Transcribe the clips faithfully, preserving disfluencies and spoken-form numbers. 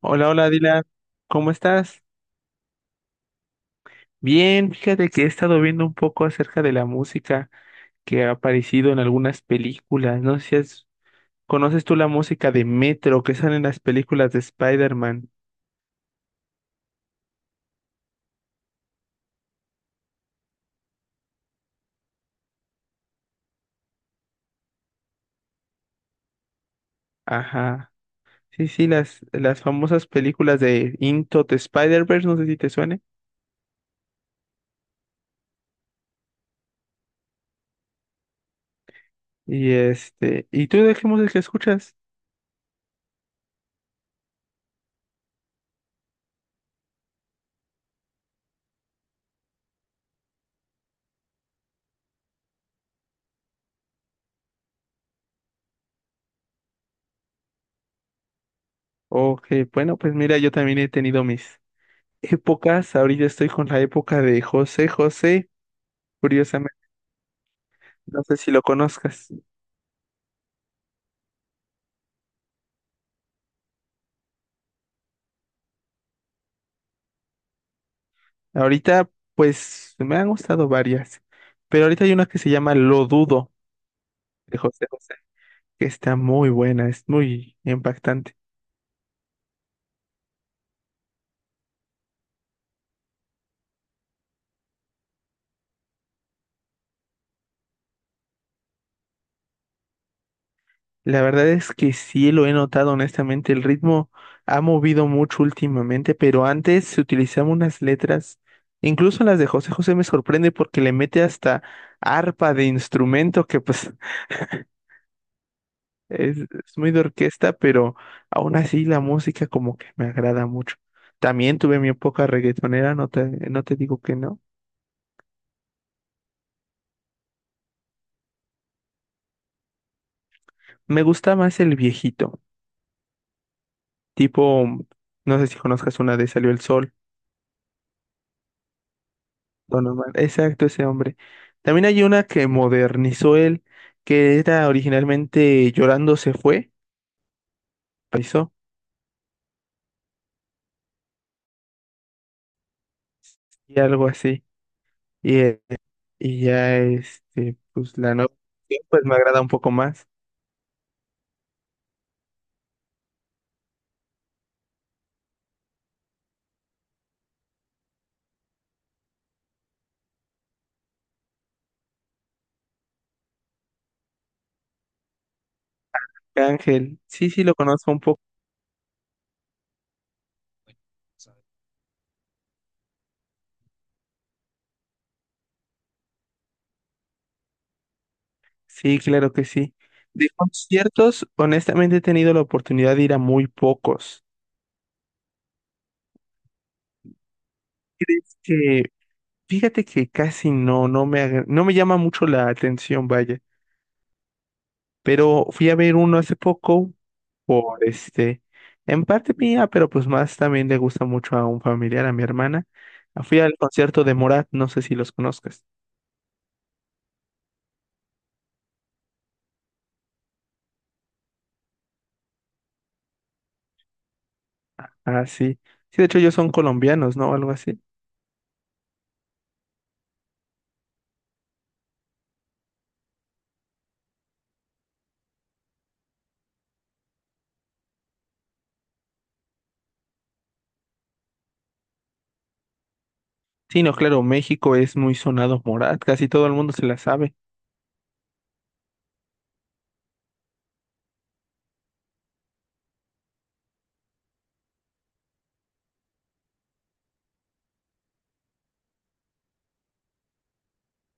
Hola, hola Dylan, ¿cómo estás? Bien, fíjate que he estado viendo un poco acerca de la música que ha aparecido en algunas películas. No sé si has- ¿Conoces tú la música de Metro que sale en las películas de Spider-Man? Ajá. Sí, sí, las, las famosas películas de Into the Spider-Verse, no sé si te suene. Y este, ¿y tú de qué música escuchas? Ok, bueno, pues mira, yo también he tenido mis épocas. Ahorita estoy con la época de José José, curiosamente. No sé si lo conozcas. Ahorita, pues, me han gustado varias, pero ahorita hay una que se llama Lo Dudo, de José José, que está muy buena, es muy impactante. La verdad es que sí lo he notado, honestamente, el ritmo ha movido mucho últimamente, pero antes se utilizaban unas letras, incluso las de José José me sorprende porque le mete hasta arpa de instrumento que pues... Es, es muy de orquesta, pero aún así la música como que me agrada mucho. También tuve mi época reggaetonera, no te, no te digo que no. Me gusta más el viejito, tipo, no sé si conozcas una de Salió el Sol, Don Omar. Exacto, ese hombre. También hay una que modernizó él, que era originalmente Llorando se fue, paisó, y algo así. Y, eh, y ya, este, pues la nueva, pues me agrada un poco más. Ángel, sí, sí, lo conozco un poco. Sí, claro que sí. De conciertos, honestamente he tenido la oportunidad de ir a muy pocos. ¿Crees que, fíjate que casi no, no me, agra- no me llama mucho la atención, vaya. Pero fui a ver uno hace poco por este, en parte mía, pero pues más también le gusta mucho a un familiar, a mi hermana. Fui al concierto de Morat, no sé si los conozcas. Ah, sí. Sí, de hecho ellos son colombianos, ¿no? Algo así. Sí, no, claro, México es muy sonado Morat, casi todo el mundo se la sabe.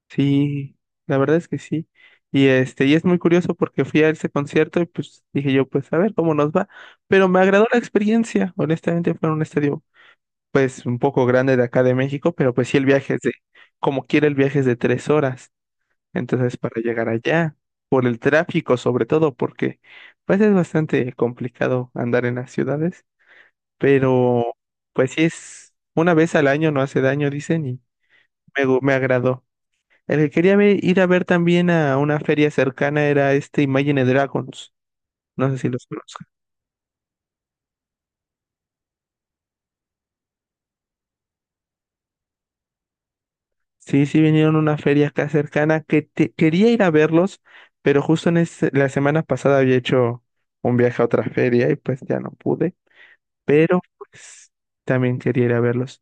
Sí, la verdad es que sí. Y este, y es muy curioso porque fui a ese concierto y pues dije yo, pues a ver cómo nos va. Pero me agradó la experiencia. Honestamente fue en un estadio pues un poco grande de acá de México, pero pues sí el viaje es de, como quiera el viaje es de tres horas. Entonces para llegar allá, por el tráfico sobre todo, porque pues es bastante complicado andar en las ciudades. Pero pues sí, es una vez al año, no hace daño, dicen, y me, gu- me agradó. El que quería ver- ir a ver también a una feria cercana era este Imagine Dragons. No sé si los conozco. Sí, sí, vinieron a una feria acá cercana que te- quería ir a verlos, pero justo en ese- la semana pasada había hecho un viaje a otra feria y pues ya no pude. Pero pues también quería ir a verlos.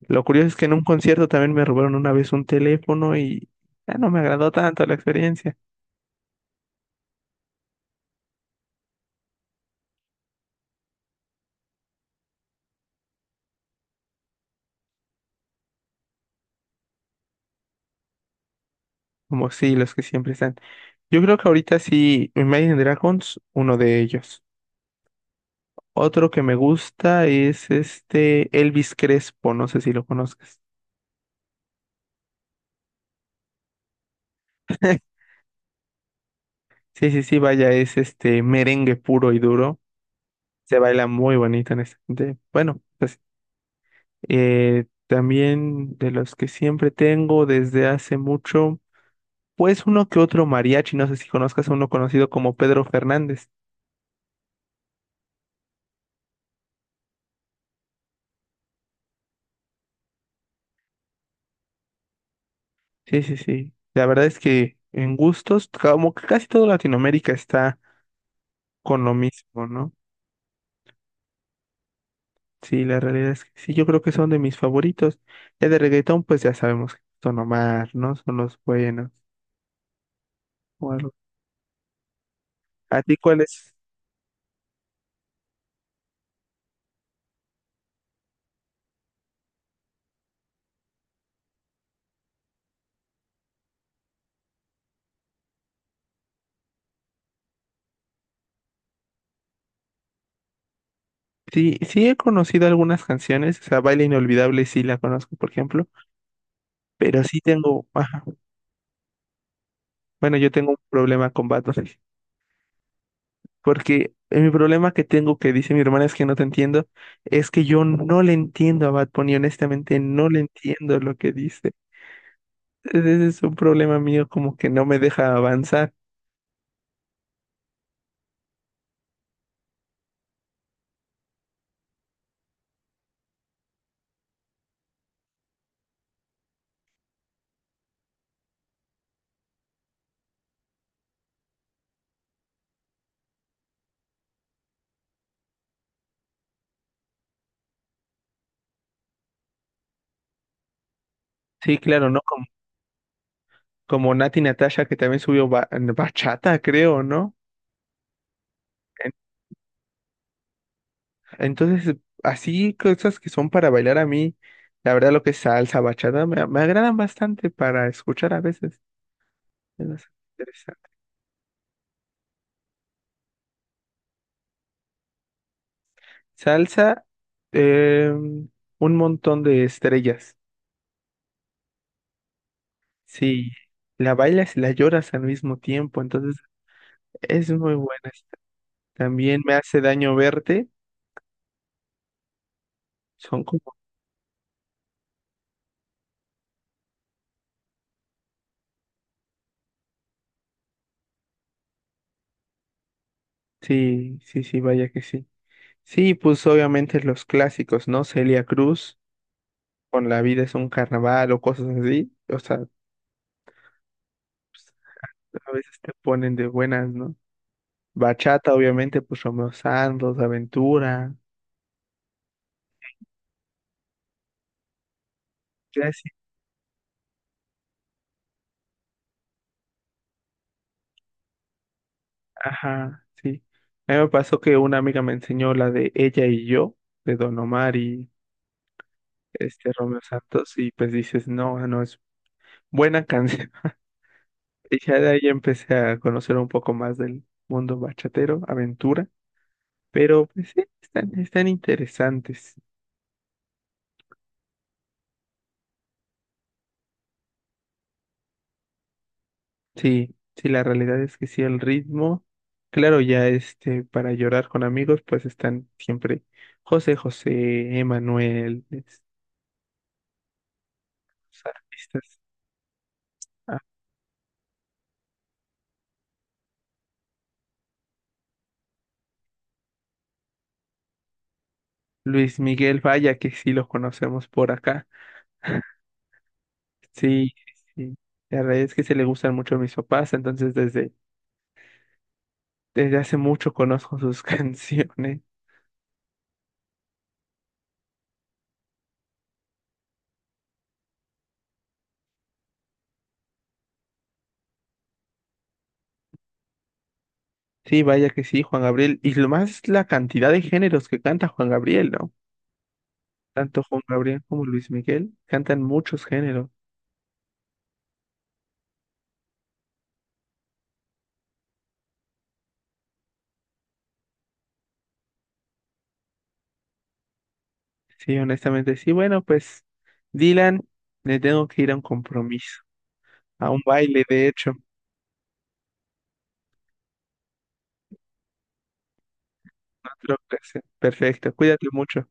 Lo curioso es que en un concierto también me robaron una vez un teléfono y ya no me agradó tanto la experiencia. Como sí, los que siempre están. Yo creo que ahorita sí, Imagine Dragons, uno de ellos. Otro que me gusta es este Elvis Crespo, no sé si lo conozcas. Sí, sí, sí, vaya, es este merengue puro y duro. Se baila muy bonito en este. De- bueno, pues eh, también de los que siempre tengo desde hace mucho, pues uno que otro mariachi, no sé si conozcas a uno conocido como Pedro Fernández. Sí, sí, sí. La verdad es que en gustos, como que casi toda Latinoamérica está con lo mismo, ¿no? Sí, la realidad es que sí, yo creo que son de mis favoritos. Ya de reggaetón, pues ya sabemos que son Omar, ¿no? Son los buenos. O algo. ¿A ti cuáles? Sí, sí he conocido algunas canciones, o sea, Baile Inolvidable sí la conozco, por ejemplo, pero sí tengo, ajá, bueno, yo tengo un problema con Bad Bunny, porque mi problema que tengo, que dice mi hermana, es que no te entiendo, es que yo no le entiendo a Bad Bunny, honestamente no le entiendo lo que dice. Ese es un problema mío, como que no me deja avanzar. Sí, claro, ¿no? Como Nati Natasha, que también subió ba- bachata, creo, ¿no? En- Entonces, así cosas que son para bailar a mí, la verdad lo que es salsa, bachata, me, me agradan bastante para escuchar a veces. Es bastante interesante. Salsa, eh, un montón de estrellas. Sí, la bailas y la lloras al mismo tiempo, entonces es muy buena, esta. También me hace daño verte, son como... Sí, sí, sí, vaya que sí. Sí, pues obviamente los clásicos, ¿no? Celia Cruz, con la vida es un carnaval o cosas así, o sea, pues, a veces te ponen de buenas, ¿no? Bachata, obviamente, pues Romeo Santos, Aventura, ya sí, ajá, sí. A mí me pasó que una amiga me enseñó la de Ella y yo, de Don Omar y este Romeo Santos, y pues dices, no, ah, no, es buena canción. Y ya de ahí empecé a conocer un poco más del mundo bachatero, Aventura, pero pues sí, están, están interesantes. Sí, sí, la realidad es que sí, el ritmo, claro, ya este, para llorar con amigos, pues están siempre José José, Emanuel, es- los artistas, ah, Luis Miguel, vaya que sí lo conocemos por acá, sí, sí, la realidad es que se le gustan mucho a mis papás, entonces desde, desde hace mucho conozco sus canciones, sí, vaya que sí, Juan Gabriel, y lo más es la cantidad de géneros que canta Juan Gabriel, ¿no? Tanto Juan Gabriel como Luis Miguel cantan muchos géneros. Sí, honestamente, sí. Bueno, pues, Dylan, le tengo que ir a un compromiso, a un baile, de hecho, no te lo perfecto, cuídate mucho.